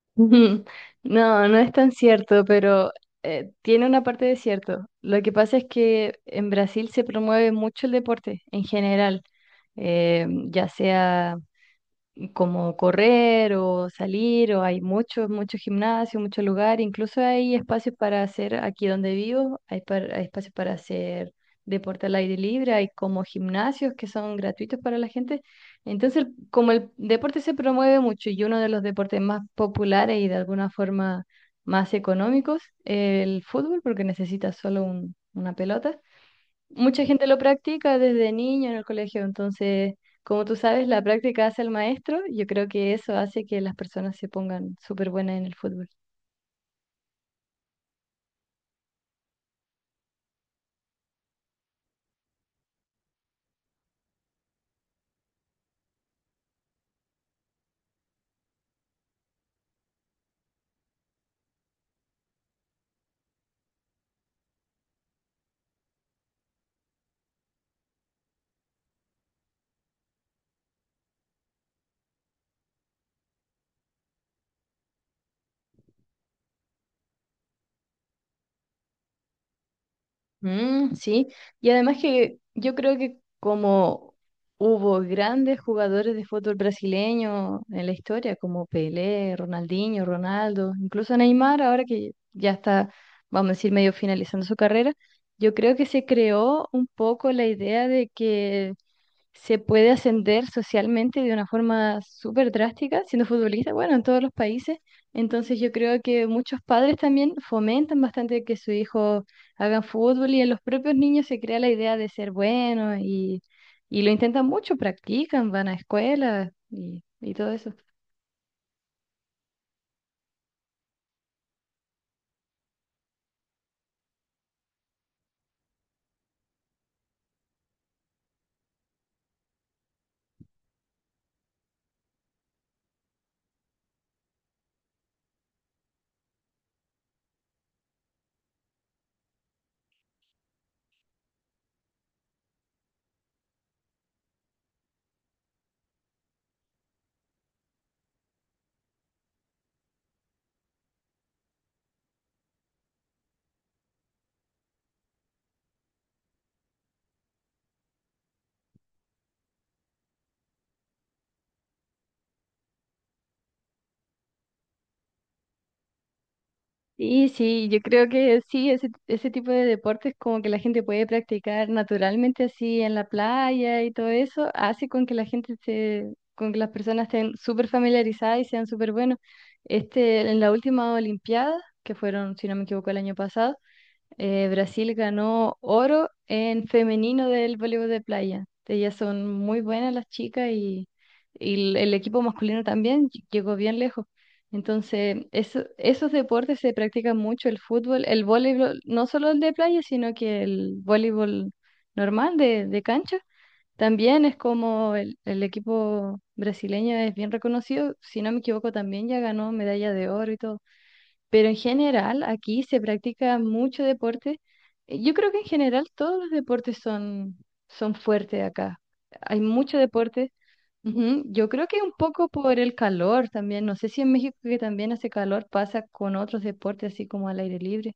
Ujú. No, no es tan cierto, pero tiene una parte de cierto. Lo que pasa es que en Brasil se promueve mucho el deporte en general, ya sea como correr o salir, o hay muchos gimnasios, muchos lugares, incluso hay espacios para hacer, aquí donde vivo, hay, hay espacios para hacer deporte al aire libre, hay como gimnasios que son gratuitos para la gente. Entonces, como el deporte se promueve mucho y uno de los deportes más populares y de alguna forma más económicos, el fútbol, porque necesitas solo una pelota, mucha gente lo practica desde niño en el colegio. Entonces, como tú sabes, la práctica hace al maestro, yo creo que eso hace que las personas se pongan súper buenas en el fútbol. Mm, sí, y además que yo creo que como hubo grandes jugadores de fútbol brasileño en la historia, como Pelé, Ronaldinho, Ronaldo, incluso Neymar, ahora que ya está, vamos a decir, medio finalizando su carrera, yo creo que se creó un poco la idea de que se puede ascender socialmente de una forma súper drástica siendo futbolista, bueno, en todos los países. Entonces yo creo que muchos padres también fomentan bastante que su hijo hagan fútbol y en los propios niños se crea la idea de ser bueno y lo intentan mucho, practican, van a escuelas y todo eso. Sí, sí, yo creo que sí, ese tipo de deportes, como que la gente puede practicar naturalmente así en la playa y todo eso, hace con que la gente se, con que las personas estén súper familiarizadas y sean súper buenos. Este, en la última Olimpiada, que fueron, si no me equivoco, el año pasado, Brasil ganó oro en femenino del voleibol de playa. Ellas son muy buenas las chicas, y el equipo masculino también llegó bien lejos. Entonces, esos deportes se practican mucho, el fútbol, el voleibol, no solo el de playa, sino que el voleibol normal de cancha. También es como el equipo brasileño es bien reconocido, si no me equivoco, también ya ganó medalla de oro y todo. Pero en general, aquí se practica mucho deporte. Yo creo que en general todos los deportes son, son fuertes acá. Hay mucho deporte. Ujú. Yo creo que un poco por el calor también. No sé si en México, que también hace calor, pasa con otros deportes así como al aire libre.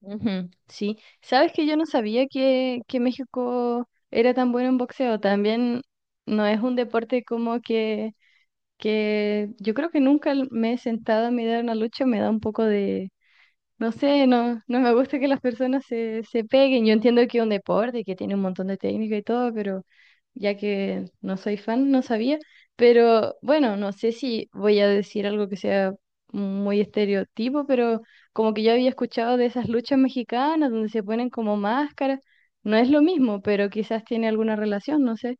Ujú, sí, sabes que yo no sabía que México era tan bueno en boxeo. También no es un deporte como que yo creo que nunca me he sentado a mirar una lucha, me da un poco de, no sé, no, no me gusta que las personas se, se peguen. Yo entiendo que es un deporte y que tiene un montón de técnica y todo, pero ya que no soy fan, no sabía. Pero bueno, no sé si voy a decir algo que sea muy estereotipo, pero como que yo había escuchado de esas luchas mexicanas donde se ponen como máscaras. No es lo mismo, pero quizás tiene alguna relación, no sé.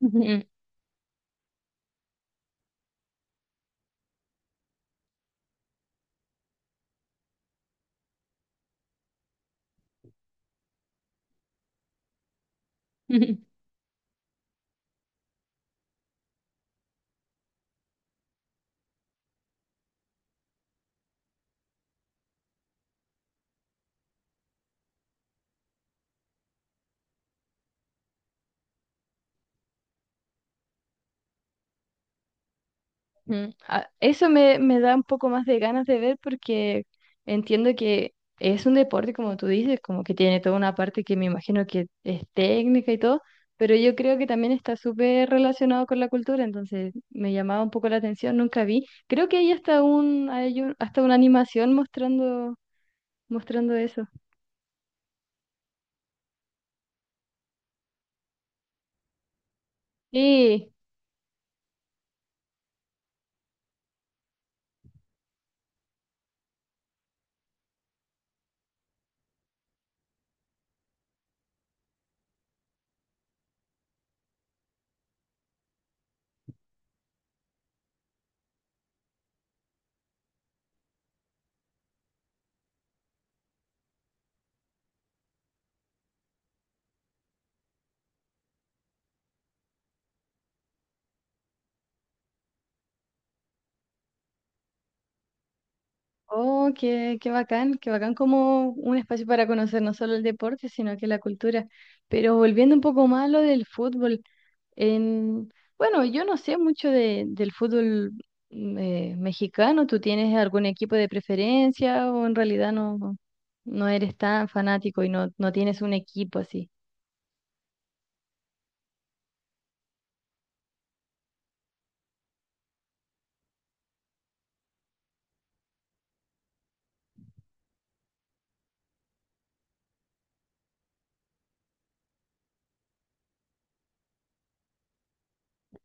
Ujú. Mm, ah, eso me, me da un poco más de ganas de ver, porque entiendo que es un deporte, como tú dices, como que tiene toda una parte que me imagino que es técnica y todo, pero yo creo que también está súper relacionado con la cultura. Entonces me llamaba un poco la atención, nunca vi. Creo que hay hasta un, hay hasta una animación mostrando, mostrando eso. Sí. Oh, qué, qué bacán, qué bacán, como un espacio para conocer no solo el deporte, sino que la cultura. Pero volviendo un poco más a lo del fútbol. En, bueno, yo no sé mucho de, del fútbol mexicano. ¿Tú tienes algún equipo de preferencia o en realidad no, no eres tan fanático y no, no tienes un equipo así?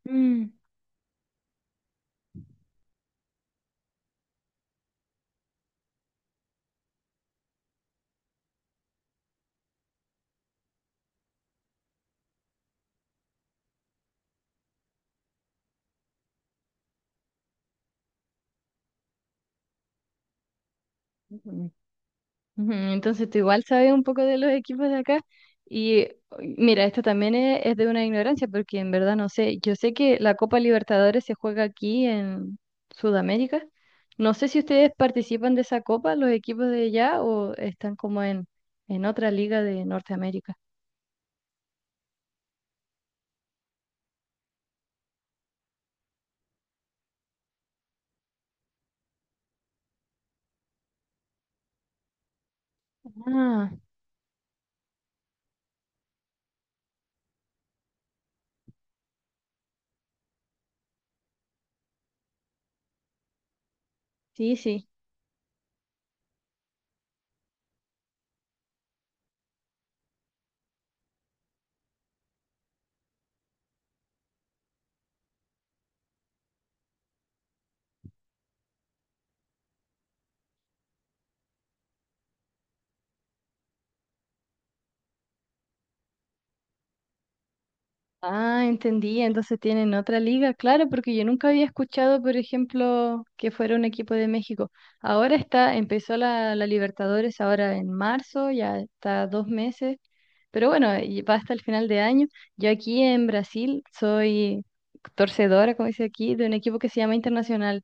Mm. Ujú, entonces tú igual sabes un poco de los equipos de acá. Y uy, mira, esto también es de una ignorancia, porque en verdad no sé, yo sé que la Copa Libertadores se juega aquí en Sudamérica, no sé si ustedes participan de esa copa, los equipos de allá, o están como en otra liga de Norteamérica. Ah, sí, sí. Ah, entendí. Entonces tienen otra liga, claro, porque yo nunca había escuchado, por ejemplo, que fuera un equipo de México. Ahora está, empezó la, la Libertadores ahora en marzo, ya está 2 meses, pero bueno, y va hasta el final de año. Yo aquí en Brasil soy torcedora, como dice aquí, de un equipo que se llama Internacional.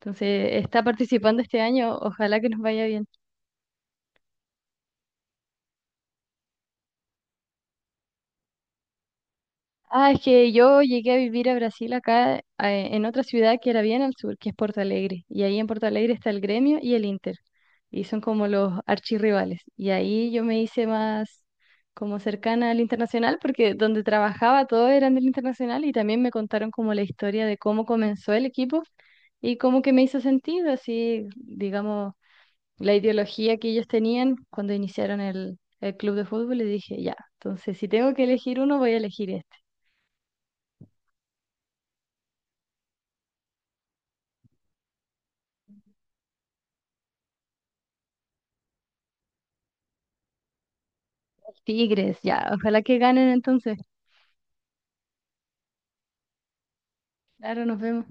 Entonces está participando este año, ojalá que nos vaya bien. Ah, es que yo llegué a vivir a Brasil acá, en otra ciudad que era bien al sur, que es Porto Alegre. Y ahí en Porto Alegre está el Gremio y el Inter. Y son como los archirrivales. Y ahí yo me hice más como cercana al Internacional, porque donde trabajaba todos eran del Internacional, y también me contaron como la historia de cómo comenzó el equipo y cómo que me hizo sentido, así, digamos, la ideología que ellos tenían cuando iniciaron el club de fútbol. Y dije, ya, entonces si tengo que elegir uno, voy a elegir este. Tigres, ya, ojalá que ganen entonces. Claro, nos vemos.